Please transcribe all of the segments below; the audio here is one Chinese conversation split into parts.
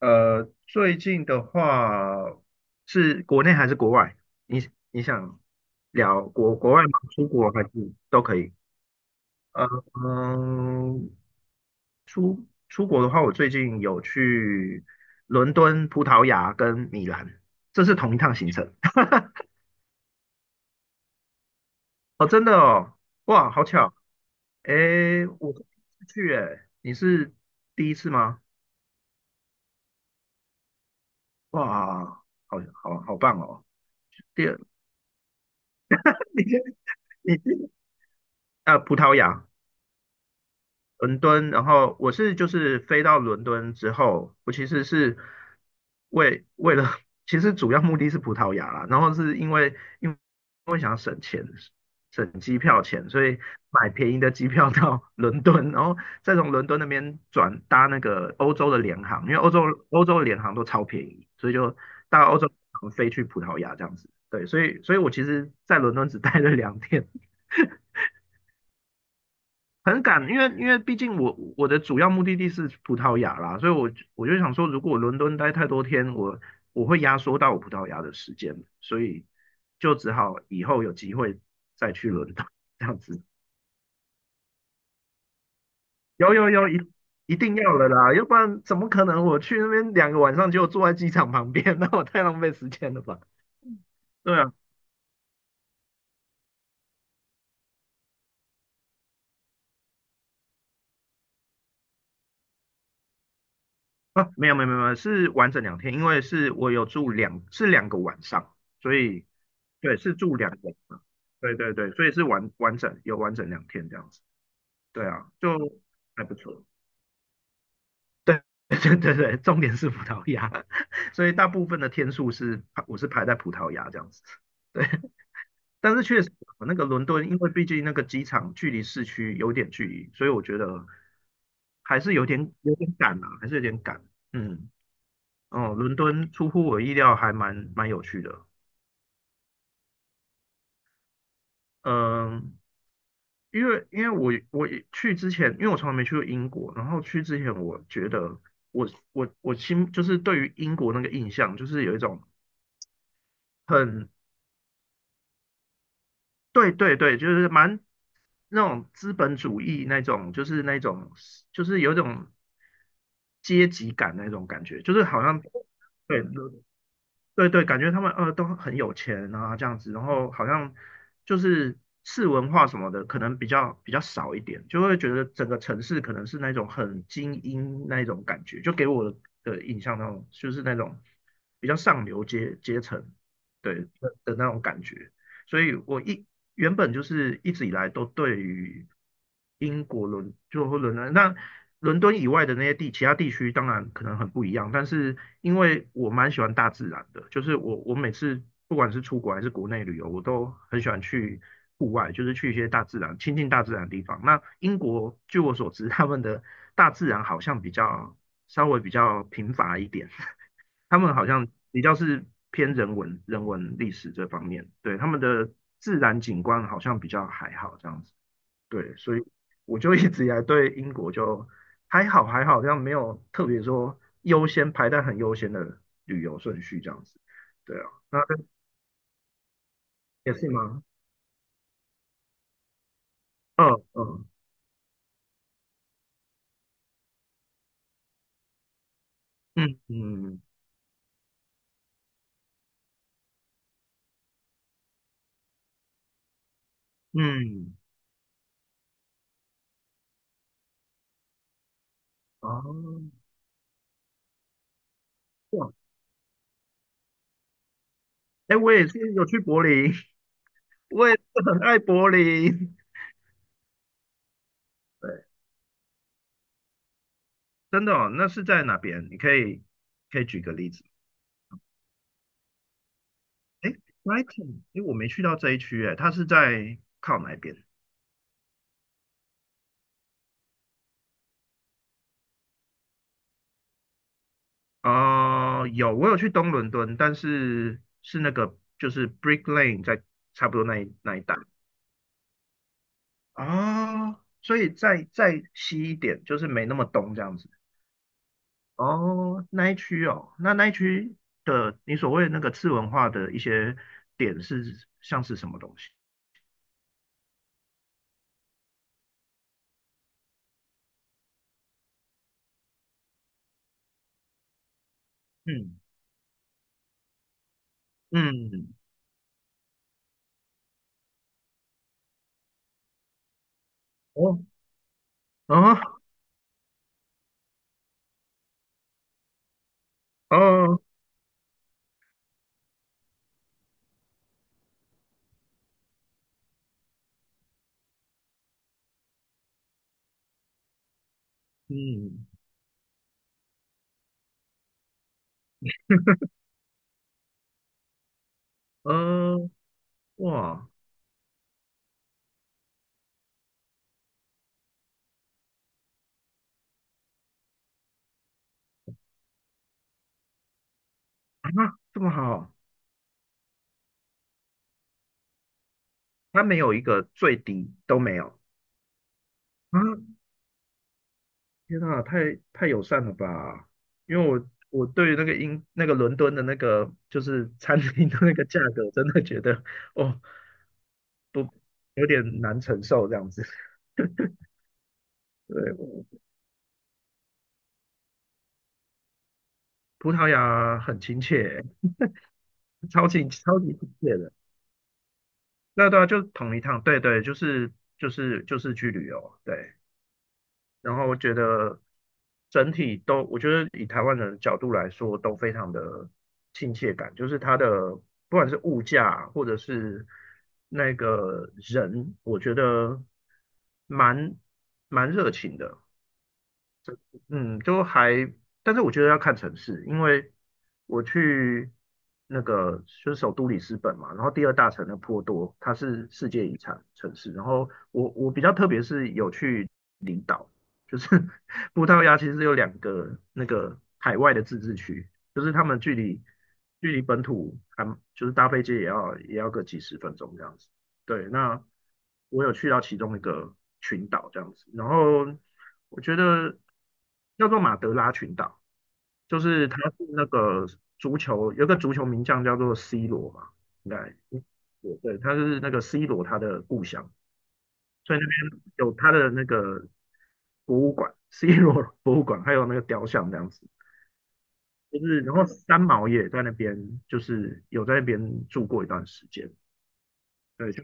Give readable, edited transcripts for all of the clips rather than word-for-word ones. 呃，最近的话，是国内还是国外？你想聊国外吗？出国还是都可以？呃嗯，出国的话，我最近有去伦敦、葡萄牙跟米兰，这是同一趟行程。哦，真的哦，哇，好巧！诶，我是第一次去，诶，你是第一次吗？哇，好棒哦！第二，你先你先啊，葡萄牙。伦敦，然后我是就是飞到伦敦之后，我其实是为了，其实主要目的是葡萄牙啦，然后是因为因为因为想省钱，省机票钱，所以买便宜的机票到 伦敦，然后再从伦敦那边转搭那个欧洲的联航，因为欧洲的联航都超便宜，所以就搭欧洲联航飞去葡萄牙这样子。对，所以我其实在伦敦只待了两天，很赶，因为毕竟我的主要目的地是葡萄牙啦，所以我就想说，如果我伦敦待太多天，我会压缩到我葡萄牙的时间，所以就只好以后有机会再去伦敦这样子。有有有，一定要的啦，要不然怎么可能我去那边两个晚上就坐在机场旁边？那我太浪费时间了吧？对啊。啊，没有没有没有，是完整两天，因为是我有住两个晚上，所以对是住两个晚上，对对对，所以是完整两天这样子，对啊，就还不错，对 对对对，重点是葡萄牙，所以大部分的天数是排在葡萄牙这样子，对，但是确实那个伦敦，因为毕竟那个机场距离市区有点距离，所以我觉得还是有点赶啊，还是有点赶，嗯。哦，伦敦出乎我意料，还蛮有趣的。嗯，因为我去之前，因为我从来没去过英国，然后去之前，我觉得我我心就是对于英国那个印象，就是有一种很对对对，就是蛮那种资本主义那种，就是那种就是有一种阶级感那种感觉，就是好像 对对对，感觉他们都很有钱啊，这样子，然后好像就是市文化什么的，可能比较少一点，就会觉得整个城市可能是那种很精英那一种感觉，就给我的印象那种就是那种比较上流阶层，对的那种感觉。所以我原本就是一直以来都对于英国或伦敦，那伦敦以外的那些其他地区当然可能很不一样，但是因为我蛮喜欢大自然的，就是我每次不管是出国还是国内旅游，我都很喜欢去户外，就是去一些大自然亲近大自然的地方。那英国据我所知，他们的大自然好像比较稍微比较贫乏一点，他们好像比较是偏人文、人文历史这方面，对，他们的自然景观好像比较还好这样子，对，所以我就一直以来对英国就还好还好，这样没有特别说优先排在很优先的旅游顺序这样子，对啊，那也是吗？嗯，嗯，嗯，嗯，嗯，哦，哇，哎，我也是有去柏林，我也是很爱柏林，对，真的哦，那是在哪边？你可以举个例子。哎，Brighton，哎，我没去到这一区，哎，它是在靠哪边？哦，有，我有去东伦敦，但是是那个就是 Brick Lane 在差不多那一带。哦，所以再西一点，就是没那么东这样子。哦，那一区哦，那一区的你所谓的那个次文化的一些点是像是什么东西？嗯嗯，哦哦哦，嗯呃，哇啊，这么好。它没有一个最低都没有啊！天啊，太友善了吧！因为我对于那个英那个伦敦的那个就是餐厅的那个价格，真的觉得哦不有点难承受这样子。对，葡萄牙很亲切，超级超级亲切的。那对啊，就同一趟，对对，就是去旅游，对。然后我觉得整体都，我觉得以台湾人的角度来说，都非常的亲切感，就是它的不管是物价或者是那个人，我觉得蛮蛮热情的，嗯，就还，但是我觉得要看城市，因为我去那个就是首都里斯本嘛，然后第二大城的波多，它是世界遗产城市，然后我比较特别是有去。群岛，就是 葡萄牙其实有2个那个海外的自治区，就是他们距离本土还就是搭飞机也要个几十分钟这样子。对，那我有去到其中一个群岛这样子，然后我觉得叫做马德拉群岛，就是它是那个足球有个足球名将叫做 C 罗嘛，应该对对，他是那个 C 罗他的故乡。所以那边有它的那个博物馆，C 罗博物馆，还有那个雕像这样子。就是然后三毛也在那边，就是有在那边住过一段时间。对，就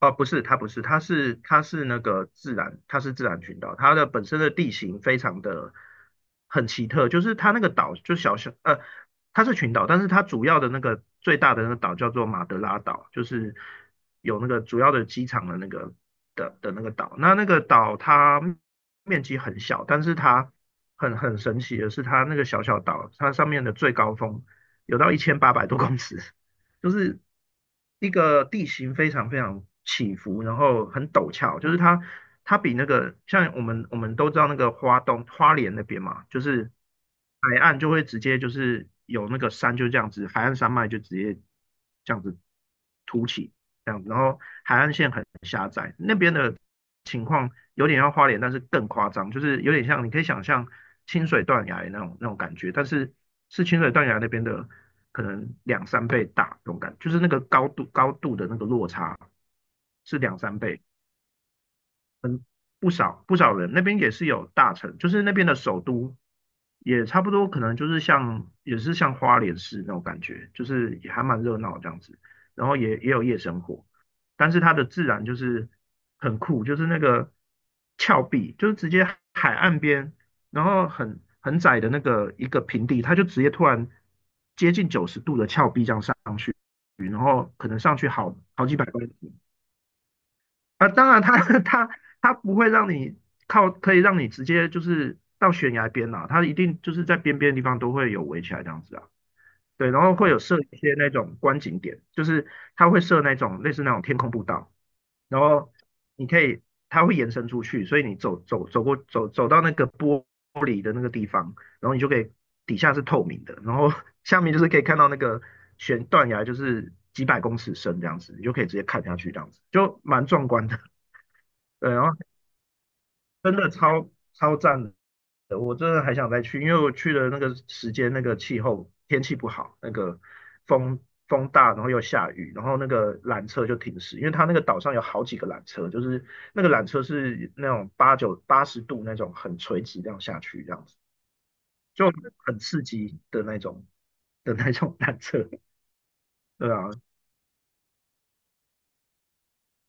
哦，不是，它不是，它是那个自然，它是自然群岛，它的本身的地形非常的很奇特，就是它那个岛就小小，它是群岛，但是它主要的那个最大的那个岛叫做马德拉岛，就是有那个主要的机场的那个那个岛。那那个岛它面积很小，但是它很神奇的是，它那个小小岛，它上面的最高峰有到1800多公尺，就是一个地形非常非常起伏，然后很陡峭，就是它比那个像我们都知道那个花东花莲那边嘛，就是海岸就会直接就是有那个山就这样子，海岸山脉就直接这样子凸起这样子，然后海岸线很狭窄，那边的情况有点像花莲，但是更夸张，就是有点像你可以想象清水断崖那种感觉，但是是清水断崖那边的。可能两三倍大，这种感觉，就是那个高度的那个落差是两三倍，不少人那边也是有大城，就是那边的首都也差不多，可能就是像也是像花莲市那种感觉，就是也还蛮热闹这样子，然后也有夜生活，但是它的自然就是很酷，就是那个峭壁，就是直接海岸边，然后很窄的那个一个平地，它就直接突然接近90度的峭壁这样上去。然后可能上去好几百万啊。当然它，它不会让你靠，可以让你直接就是到悬崖边啊，它一定就是在边边的地方都会有围起来这样子啊。对，然后会有设一些那种观景点，就是它会设那种类似那种天空步道，然后你可以，它会延伸出去，所以你走走走过走走到那个玻璃的那个地方，然后你就可以底下是透明的，然后 下面就是可以看到那个悬断崖，就是几百公尺深这样子，你就可以直接看下去这样子，就蛮壮观的。对，然后真的超赞的，我真的还想再去，因为我去的那个时间，那个气候天气不好，那个风风大，然后又下雨，然后那个缆车就停驶，因为它那个岛上有好几个缆车，就是那个缆车是那种八十度那种很垂直这样下去，这样子就很刺激的那种缆车，对啊，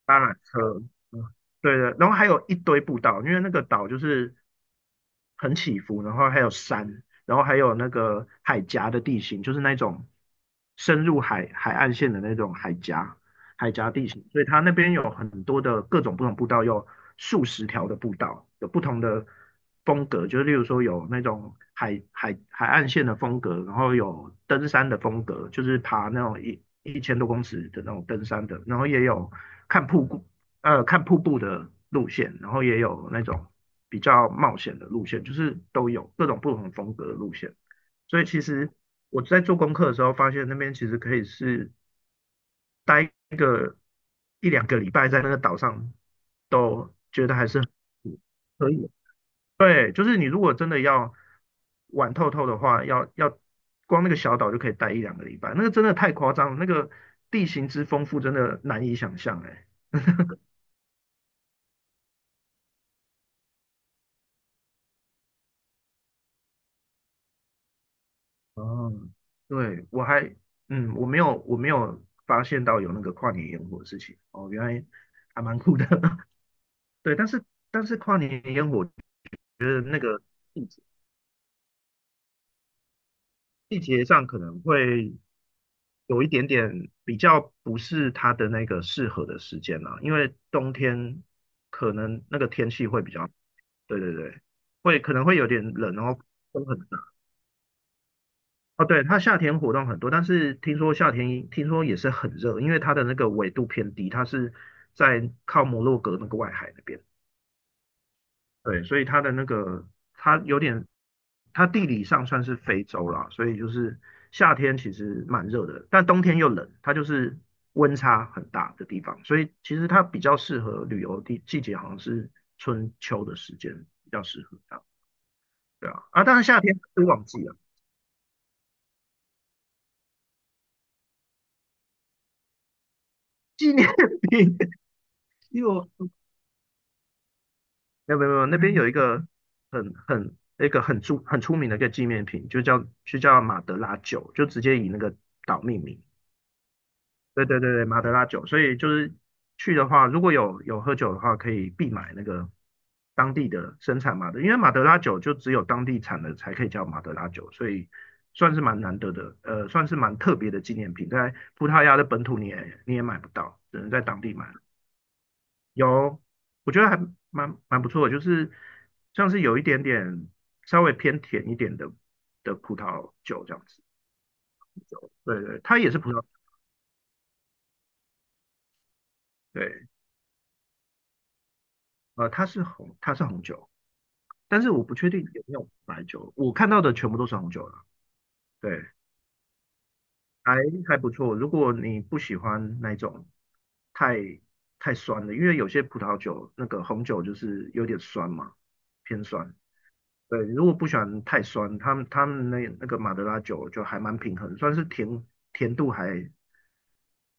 搭缆车，嗯，对的，然后还有一堆步道，因为那个岛就是很起伏，然后还有山，然后还有那个海峡的地形，就是那种深入海岸线的那种海峡地形，所以它那边有很多的各种不同步道，有数十条的步道，有不同的风格，就是例如说有那种海岸线的风格，然后有登山的风格，就是爬那种一千多公尺的那种登山的，然后也有看瀑布看瀑布的路线，然后也有那种比较冒险的路线，就是都有各种不同风格的路线。所以其实我在做功课的时候，发现那边其实可以是待一两个礼拜在那个岛上，都觉得还是可以对，就是你如果真的要玩透透的话，要光那个小岛就可以待一两个礼拜，那个真的太夸张了，那个地形之丰富真的难以想象哎、哦，对，嗯，我没有发现到有那个跨年烟火的事情哦，原来还蛮酷的。对，但是跨年烟火的那个季节季节上可能会有一点点比较不是它的那个适合的时间啦、因为冬天可能那个天气会比较，对对对，可能会有点冷，然后风很哦，对，它夏天活动很多，但是听说夏天听说也是很热，因为它的那个纬度偏低，它是在靠摩洛哥那个外海那边，对，所以它的那个它有点，它地理上算是非洲啦，所以就是夏天其实蛮热的，但冬天又冷，它就是温差很大的地方，所以其实它比较适合旅游的季节，好像是春秋的时间比较适合这样，对啊，啊，当然夏天是旺季啊，纪念品，因为我没有，那边有一个很很那个很出很出名的一个纪念品，就叫马德拉酒，就直接以那个岛命名。对对对对，马德拉酒。所以就是去的话，如果有喝酒的话，可以必买那个当地的生产马德，因为马德拉酒就只有当地产的才可以叫马德拉酒，所以算是蛮难得的，呃，算是蛮特别的纪念品，在葡萄牙的本土你也买不到，只能在当地买。有，我觉得还蛮不错的，就是像是有一点点稍微偏甜一点的葡萄酒这样子。对对，它也是葡萄，对，呃，它是红酒，但是我不确定有没有白酒，我看到的全部都是红酒了。对，还还不错。如果你不喜欢那种太太酸的，因为有些葡萄酒那个红酒就是有点酸嘛，偏酸。对，如果不喜欢太酸，他们那个马德拉酒就还蛮平衡，算是甜度还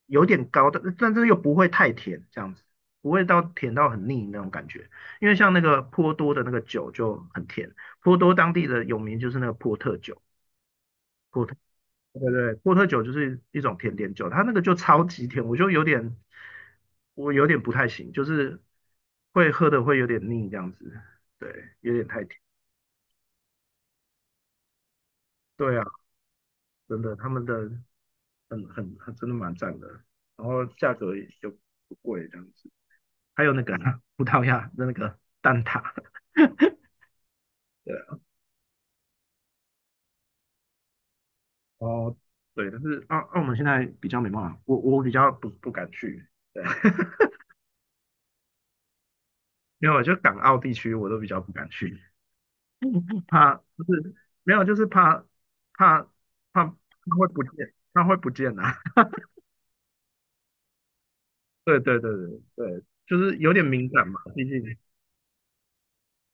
有点高，但是又不会太甜，这样子不会到甜到很腻那种感觉。因为像那个波多的那个酒就很甜，波多当地的有名就是那个波特酒，波特对对对，波特酒就是一种甜点酒，它那个就超级甜，我有点不太行，就是会喝的会有点腻这样子，对，有点太甜。对啊，真的，他们的很真的蛮赞的，然后价格也就不贵这样子。还有那个啊葡萄牙的那个蛋挞，对啊哦对，但是澳门现在比较没办法，我比较不敢去，对，因为我就港澳地区我都比较不敢去，怕就是没有就是怕怕会不见，怕会不见啊，对对对对对，就是有点敏感嘛，毕竟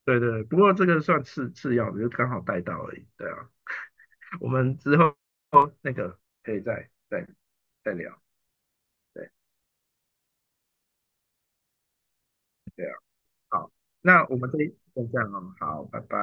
对对，不过这个算次要的，就刚好带到而已，对啊。我们之后那个可以再聊。对对啊，好，那我们这一就这样哦，好，拜拜。